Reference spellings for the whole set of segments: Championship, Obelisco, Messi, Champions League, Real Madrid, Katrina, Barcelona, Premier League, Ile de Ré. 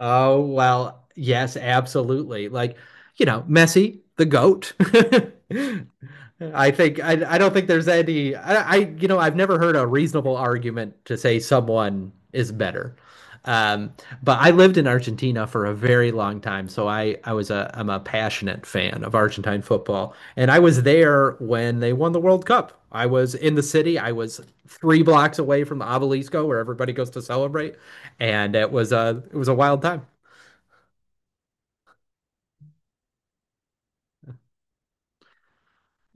Oh, well, yes, absolutely. Messi, the GOAT. I don't think there's any I you know I've never heard a reasonable argument to say someone is better. Um, but I lived in Argentina for a very long time, so I'm a passionate fan of Argentine football, and I was there when they won the World Cup. I was in the city. I was three blocks away from the Obelisco, where everybody goes to celebrate, and it was a wild time.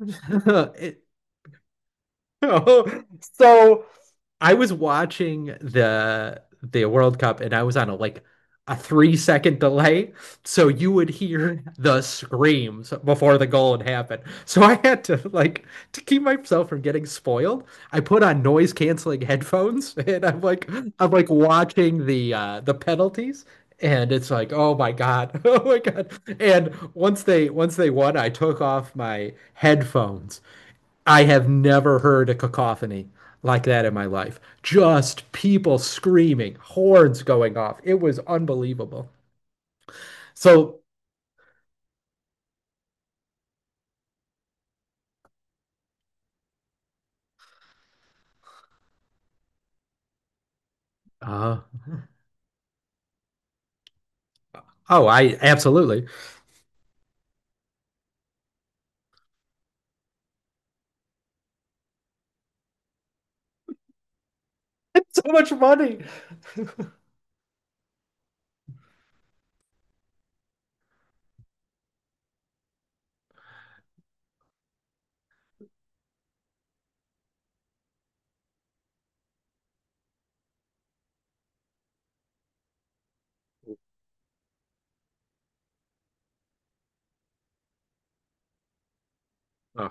It- so I was watching the World Cup and I was on a 3 second delay, so you would hear the screams before the goal had happened. So I had to to keep myself from getting spoiled. I put on noise canceling headphones and I'm like watching the penalties. And it's like, oh my God, oh my God. And once they won, I took off my headphones. I have never heard a cacophony like that in my life. Just people screaming, horns going off. It was unbelievable. So, uh, oh, I absolutely. It's so much money. Oh.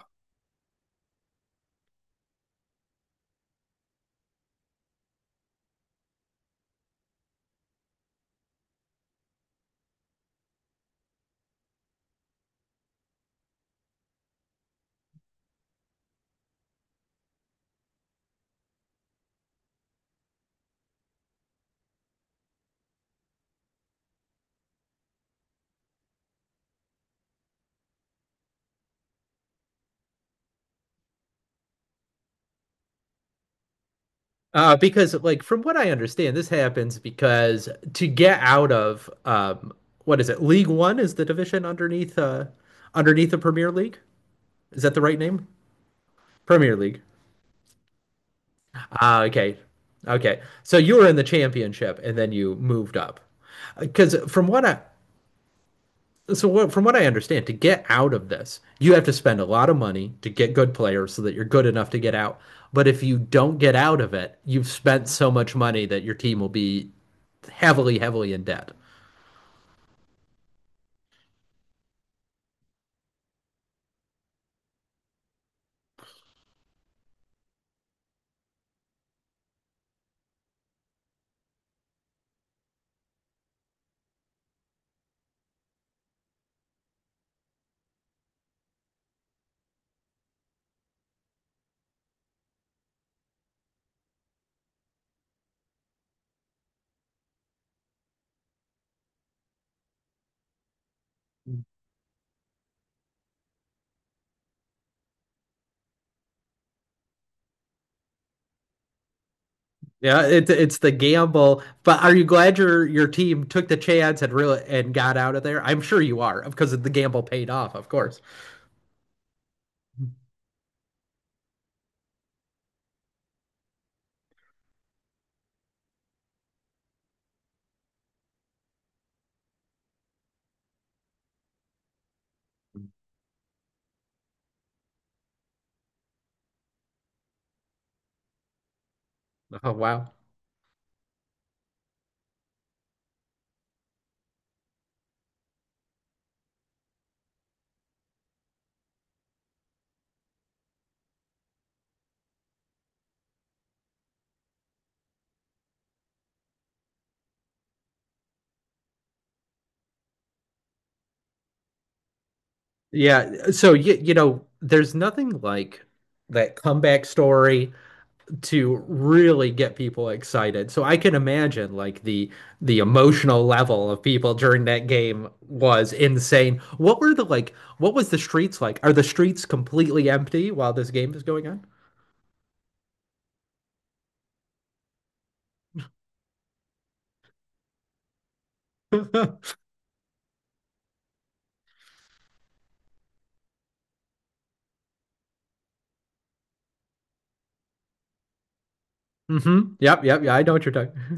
Because, like, from what I understand, this happens because to get out of what is it? League One is the division underneath underneath the Premier League. Is that the right name? Premier League. Ah, okay. Okay. So you were in the championship and then you moved up. Because from what I so what, from what I understand, to get out of this, you have to spend a lot of money to get good players so that you're good enough to get out. But if you don't get out of it, you've spent so much money that your team will be heavily, heavily in debt. Yeah, it's the gamble. But are you glad your team took the chance and got out of there? I'm sure you are, because the gamble paid off, of course. Oh wow. Yeah, so you know, there's nothing like that comeback story to really get people excited. So I can imagine the emotional level of people during that game was insane. What was the streets like? Are the streets completely empty while this game is going on? Mm-hmm. Yep, yep, yeah, I know what you're talking.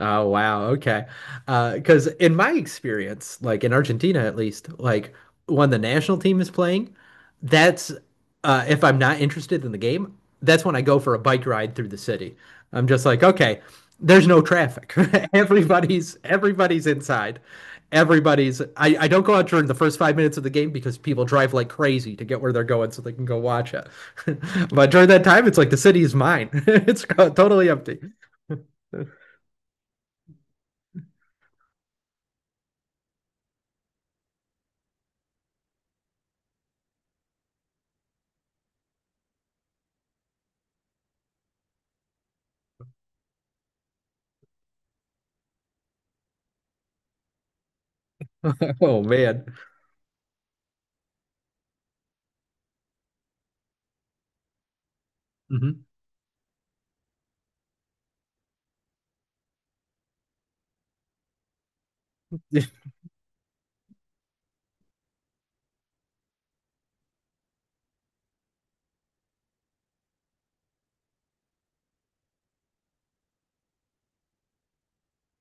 Oh wow, okay. Because in my experience, like in Argentina at least, like when the national team is playing, that's if I'm not interested in the game, that's when I go for a bike ride through the city. I'm just like, okay, there's no traffic. Everybody's inside. I don't go out during the first 5 minutes of the game because people drive like crazy to get where they're going so they can go watch it. But during that time, it's like the city is mine. It's totally empty. Oh man. Hmm.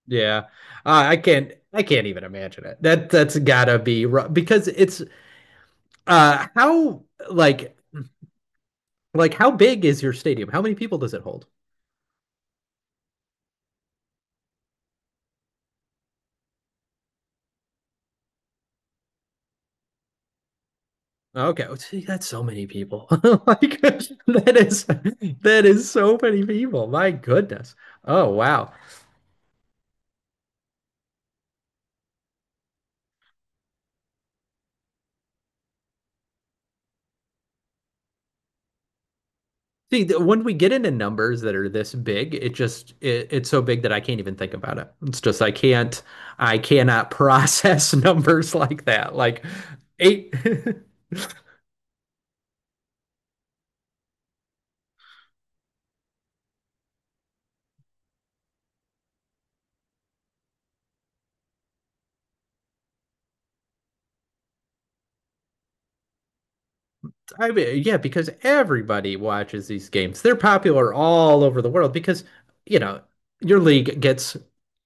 Yeah. I can't even imagine it. That that's gotta be rough because it's how like like how big is your stadium? How many people does it hold? Okay, oh, see, that's so many people. Like that is that is so many people. My goodness. Oh wow. See, when we get into numbers that are this big, it just it's so big that I can't even think about it. It's just I can't I cannot process numbers like that. Like eight. I mean, yeah, because everybody watches these games. They're popular all over the world because you know your league gets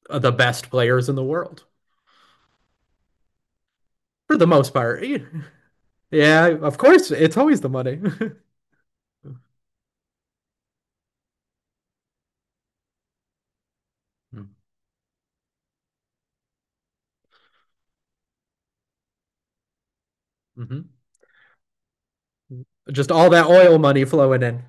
the best players in the world for the most part. You- Yeah, of course. It's always the money. Mm-hmm. Just all that oil money flowing in.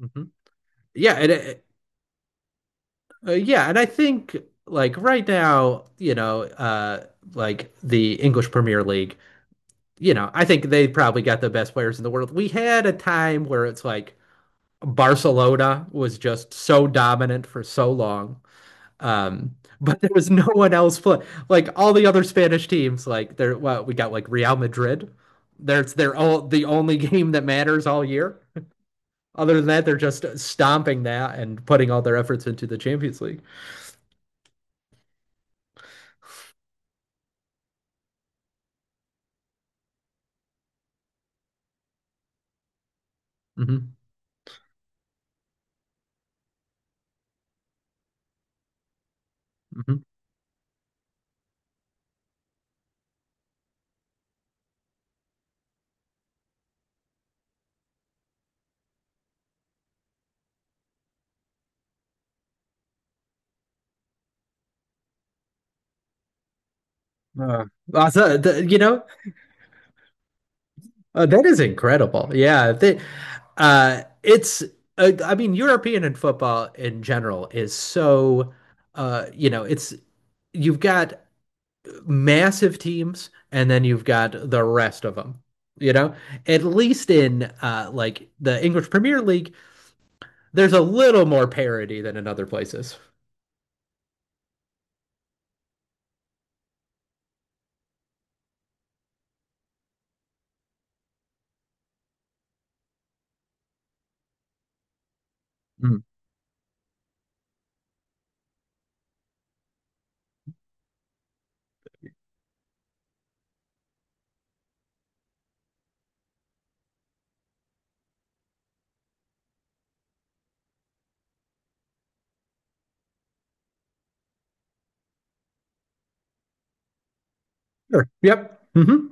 Hmm. Yeah, and yeah, and I think like right now, you know, like the English Premier League, you know, I think they probably got the best players in the world. We had a time where it's like Barcelona was just so dominant for so long. But there was no one else play. Like all the other Spanish teams, like we got like Real Madrid. There's they're all the only game that matters all year. Other than that, they're just stomping that and putting all their efforts into the Champions League. Hmm. Hmm. Uh, you know, that is incredible. Yeah, they, it's. I mean, European and football in general is so. You know, it's you've got massive teams, and then you've got the rest of them. You know, at least in like the English Premier League, there's a little more parity than in other places. Mm. Sure. Yep. Mm-hmm.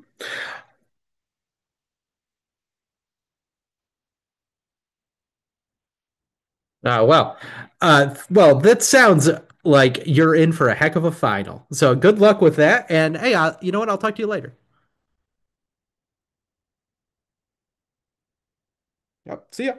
Uh, well, well, that sounds like you're in for a heck of a final. So good luck with that. And hey, you know what? I'll talk to you later. Yep. See ya.